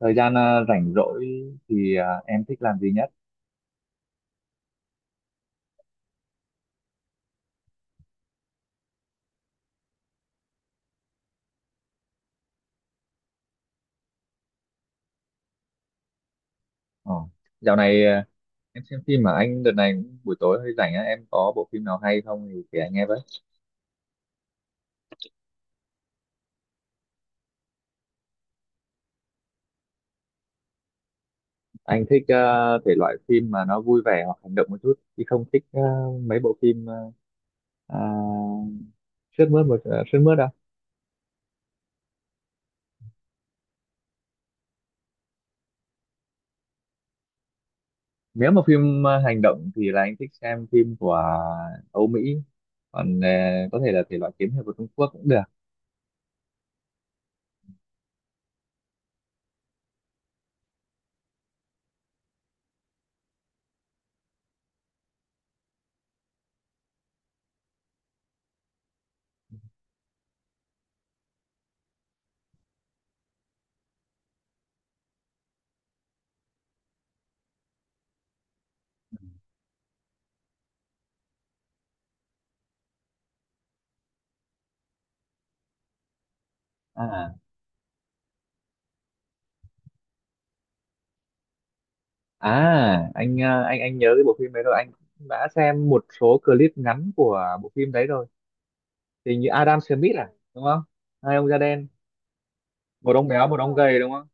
Thời gian rảnh rỗi thì em thích làm gì nhất? ờ. Dạo này em xem phim mà anh đợt này cũng buổi tối hơi rảnh á, em có bộ phim nào hay không thì kể anh nghe với. Anh thích thể loại phim mà nó vui vẻ hoặc hành động một chút, chứ không thích mấy bộ phim à, sướt mướt. Sướt mướt đâu. Nếu mà phim hành động thì là anh thích xem phim của Âu Mỹ, còn có thể là thể loại kiếm hiệp của Trung Quốc cũng được. à. À, anh anh nhớ cái bộ phim đấy rồi, anh cũng đã xem một số clip ngắn của bộ phim đấy rồi. Thì như Adam Smith đúng không? Hai ông da đen, một ông béo, một ông gầy đúng không?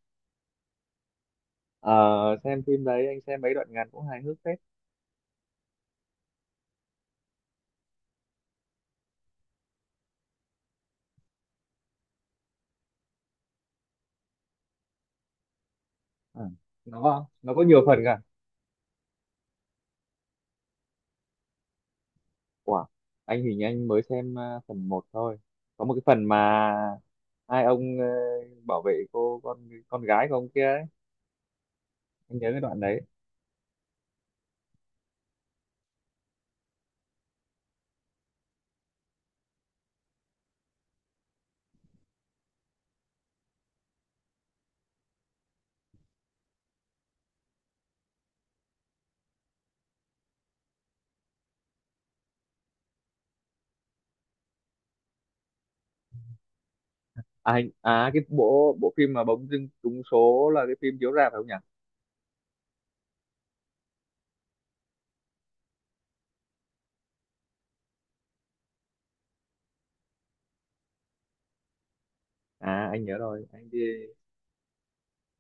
Ờ, xem phim đấy anh xem mấy đoạn ngắn cũng hài hước phết. Ờ, nó có nhiều phần cả. Wow, anh hình như anh mới xem phần một thôi. Có một cái phần mà hai ông bảo vệ cô con gái của ông kia ấy, anh nhớ cái đoạn đấy. À, anh- à cái bộ bộ phim mà bỗng dưng trúng số là cái phim chiếu rạp phải không nhỉ? À anh nhớ rồi, anh đi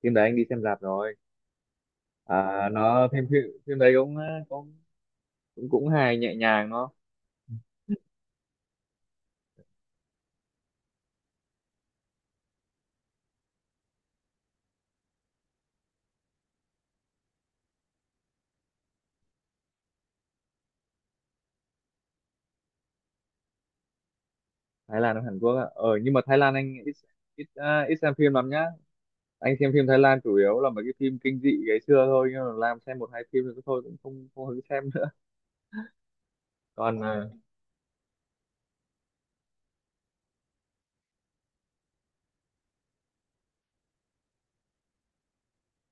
phim đấy, anh đi xem rạp rồi. À, nó phim phim phim đấy cũng cũng cũng hài nhẹ nhàng nó. Thái Lan nó Hàn Quốc á, ờ nhưng mà Thái Lan anh ít ít à, ít xem phim lắm nhá. Anh xem phim Thái Lan chủ yếu là mấy cái phim kinh dị ngày xưa thôi, nhưng mà làm xem một hai phim rồi thôi, cũng không không hứng xem nữa. Còn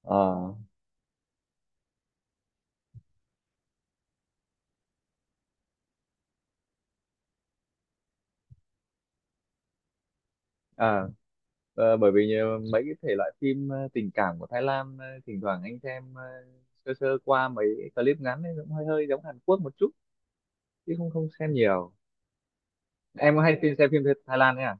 ờ, à, bởi vì mấy cái thể loại phim tình cảm của Thái Lan, thỉnh thoảng anh xem sơ sơ qua mấy clip ngắn ấy, cũng hơi hơi giống Hàn Quốc một chút, chứ không không xem nhiều. Em có hay xem phim Thái Lan ấy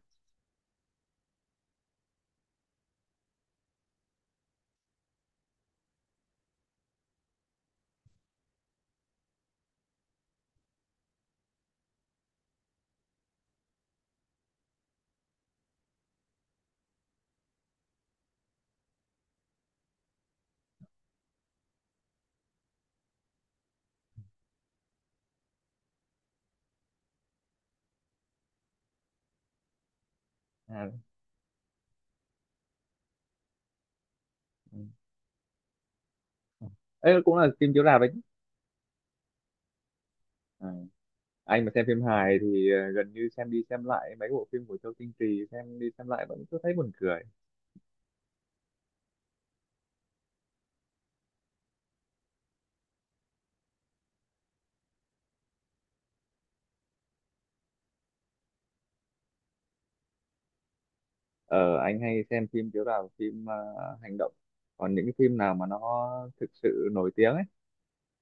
à? Ừ, ấy cũng là phim chiếu rạp đấy chứ. À. Anh mà xem phim hài thì gần như xem đi xem lại mấy bộ phim của Châu Tinh Trì, xem đi xem lại vẫn cứ thấy buồn cười. Ờ anh hay xem phim chiếu rạp, phim hành động, còn những cái phim nào mà nó thực sự nổi tiếng ấy,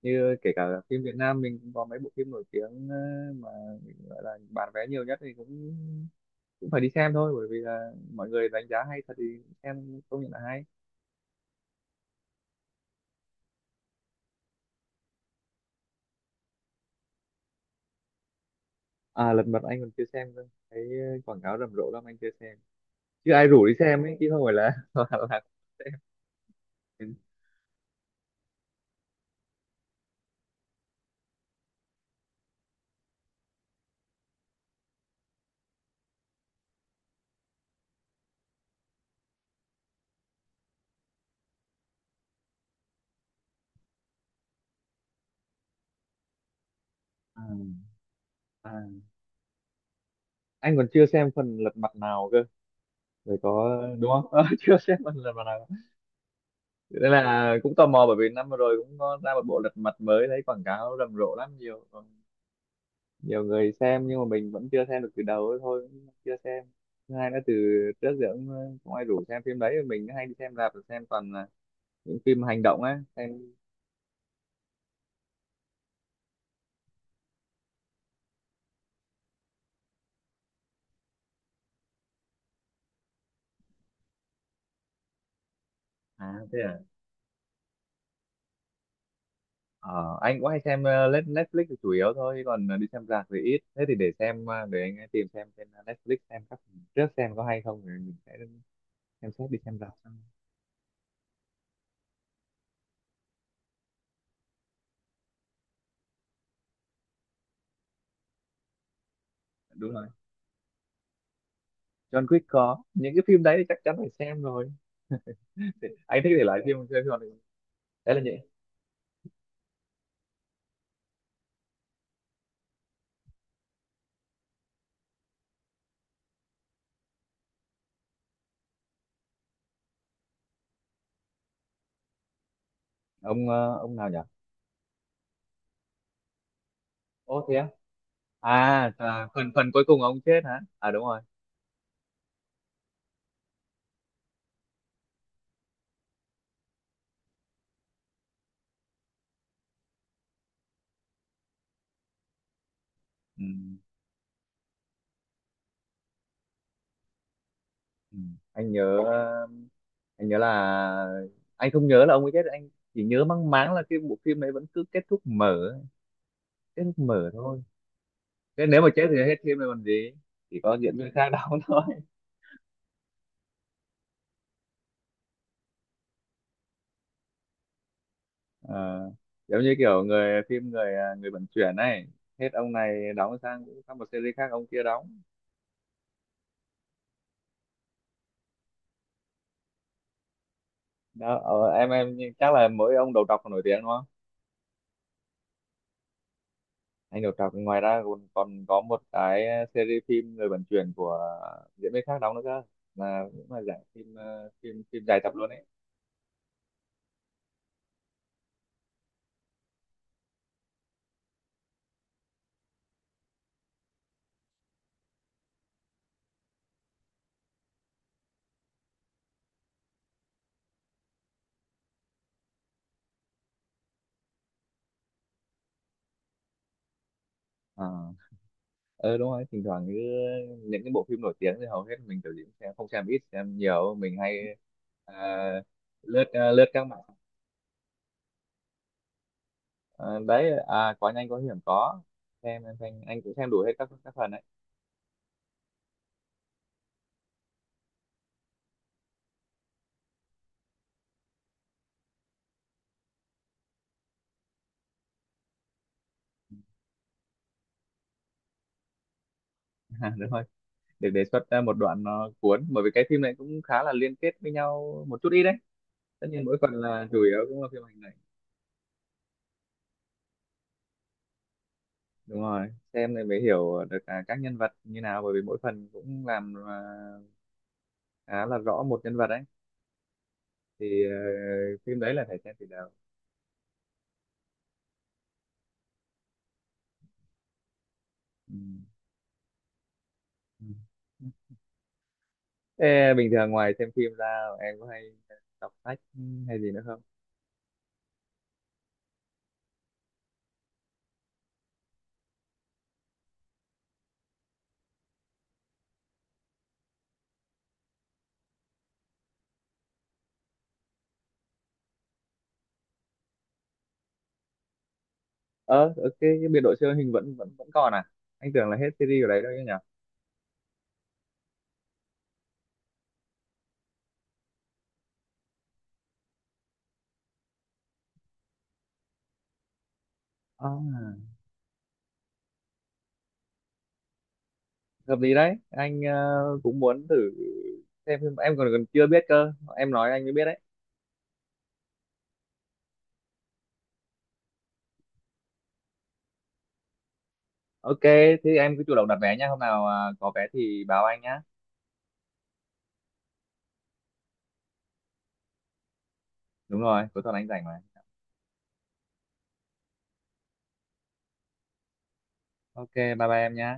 như kể cả phim Việt Nam mình cũng có mấy bộ phim nổi tiếng mà mình gọi là bán vé nhiều nhất thì cũng cũng phải đi xem thôi, bởi vì là mọi người đánh giá hay thật thì xem công nhận là hay. À lật mặt anh còn chưa xem cơ, thấy quảng cáo rầm rộ lắm anh chưa xem, chứ ai rủ đi xem ấy chứ không phải là là xem. À, à. Anh còn chưa xem phần lật mặt nào cơ rồi có đúng không. Ờ, chưa xem phần lật mặt nào, nên là cũng tò mò bởi vì năm vừa rồi cũng có ra một bộ lật mặt mới, thấy quảng cáo rầm rộ lắm, nhiều nhiều người xem nhưng mà mình vẫn chưa xem được từ đầu ấy thôi, cũng chưa xem. Thứ hai nữa từ trước giờ cũng không ai rủ xem phim đấy, mình hay đi xem rạp xem toàn là những phim hành động á xem. À thế à. Ờ, anh cũng hay xem Netflix là chủ yếu thôi, chứ còn đi xem rạp thì ít. Thế thì để xem, để anh tìm xem trên Netflix xem các trước xem có hay không rồi mình sẽ xem xét đi xem rạp sau. Đúng rồi, John Wick, có những cái phim đấy thì chắc chắn phải xem rồi. Anh thích thể loại phim xem John Wick. Đấy là nhỉ. Ông ông nào nhỉ? Ô thế á. À, à phần phần cuối cùng ông chết hả? À đúng rồi. Ừ. Ừ. Anh nhớ anh nhớ là anh không nhớ là ông ấy chết, anh chỉ nhớ mang máng là cái bộ phim đấy vẫn cứ kết thúc mở, kết thúc mở thôi. Thế nếu mà chết thì hết phim rồi còn gì, chỉ có diễn viên khác đóng thôi. Ờ, giống như kiểu người phim người à, người vận chuyển này, hết ông này đóng sang sang một series khác ông kia đóng. Đó em chắc là mỗi ông đầu trọc còn nổi tiếng đúng không? Anh đầu trọc ngoài ra còn còn có một cái series phim người vận chuyển của diễn viên khác đóng nữa cơ, là cũng là giải phim ờ, phim phim dài tập luôn ấy. Ờ. Ờ đúng rồi thỉnh thoảng cứ những cái bộ phim nổi tiếng thì hầu hết mình kiểu gì cũng xem, không xem ít xem nhiều mình hay à, lướt lướt các mạng. Đấy có nhanh có hiểm có. Xem em xem anh cũng xem đủ hết các phần đấy. À, đúng rồi, được đề xuất ra một đoạn nó cuốn, bởi vì cái phim này cũng khá là liên kết với nhau một chút ít đấy. Tất nhiên mỗi phần là chủ yếu cũng là phim hành này. Đúng rồi, xem này mới hiểu được các nhân vật như nào, bởi vì mỗi phần cũng làm khá là rõ một nhân vật đấy. Thì ờ, phim đấy là phải xem từ đầu. Ừ. Ừ. Ê, bình thường ngoài xem phim ra em có hay đọc sách hay gì nữa không? Ờ, ok, cái biệt đội siêu hình vẫn vẫn vẫn còn à? Anh tưởng là hết series ở đấy đâu chứ nhỉ? À, hợp lý đấy. Anh cũng muốn thử xem phim. Em còn còn chưa biết cơ. Em nói anh mới biết đấy. Ok, thế em cứ chủ động đặt vé nha. Hôm nào có vé thì báo anh nhá. Đúng rồi, cuối tuần anh rảnh mà. Ok, bye bye em nhá.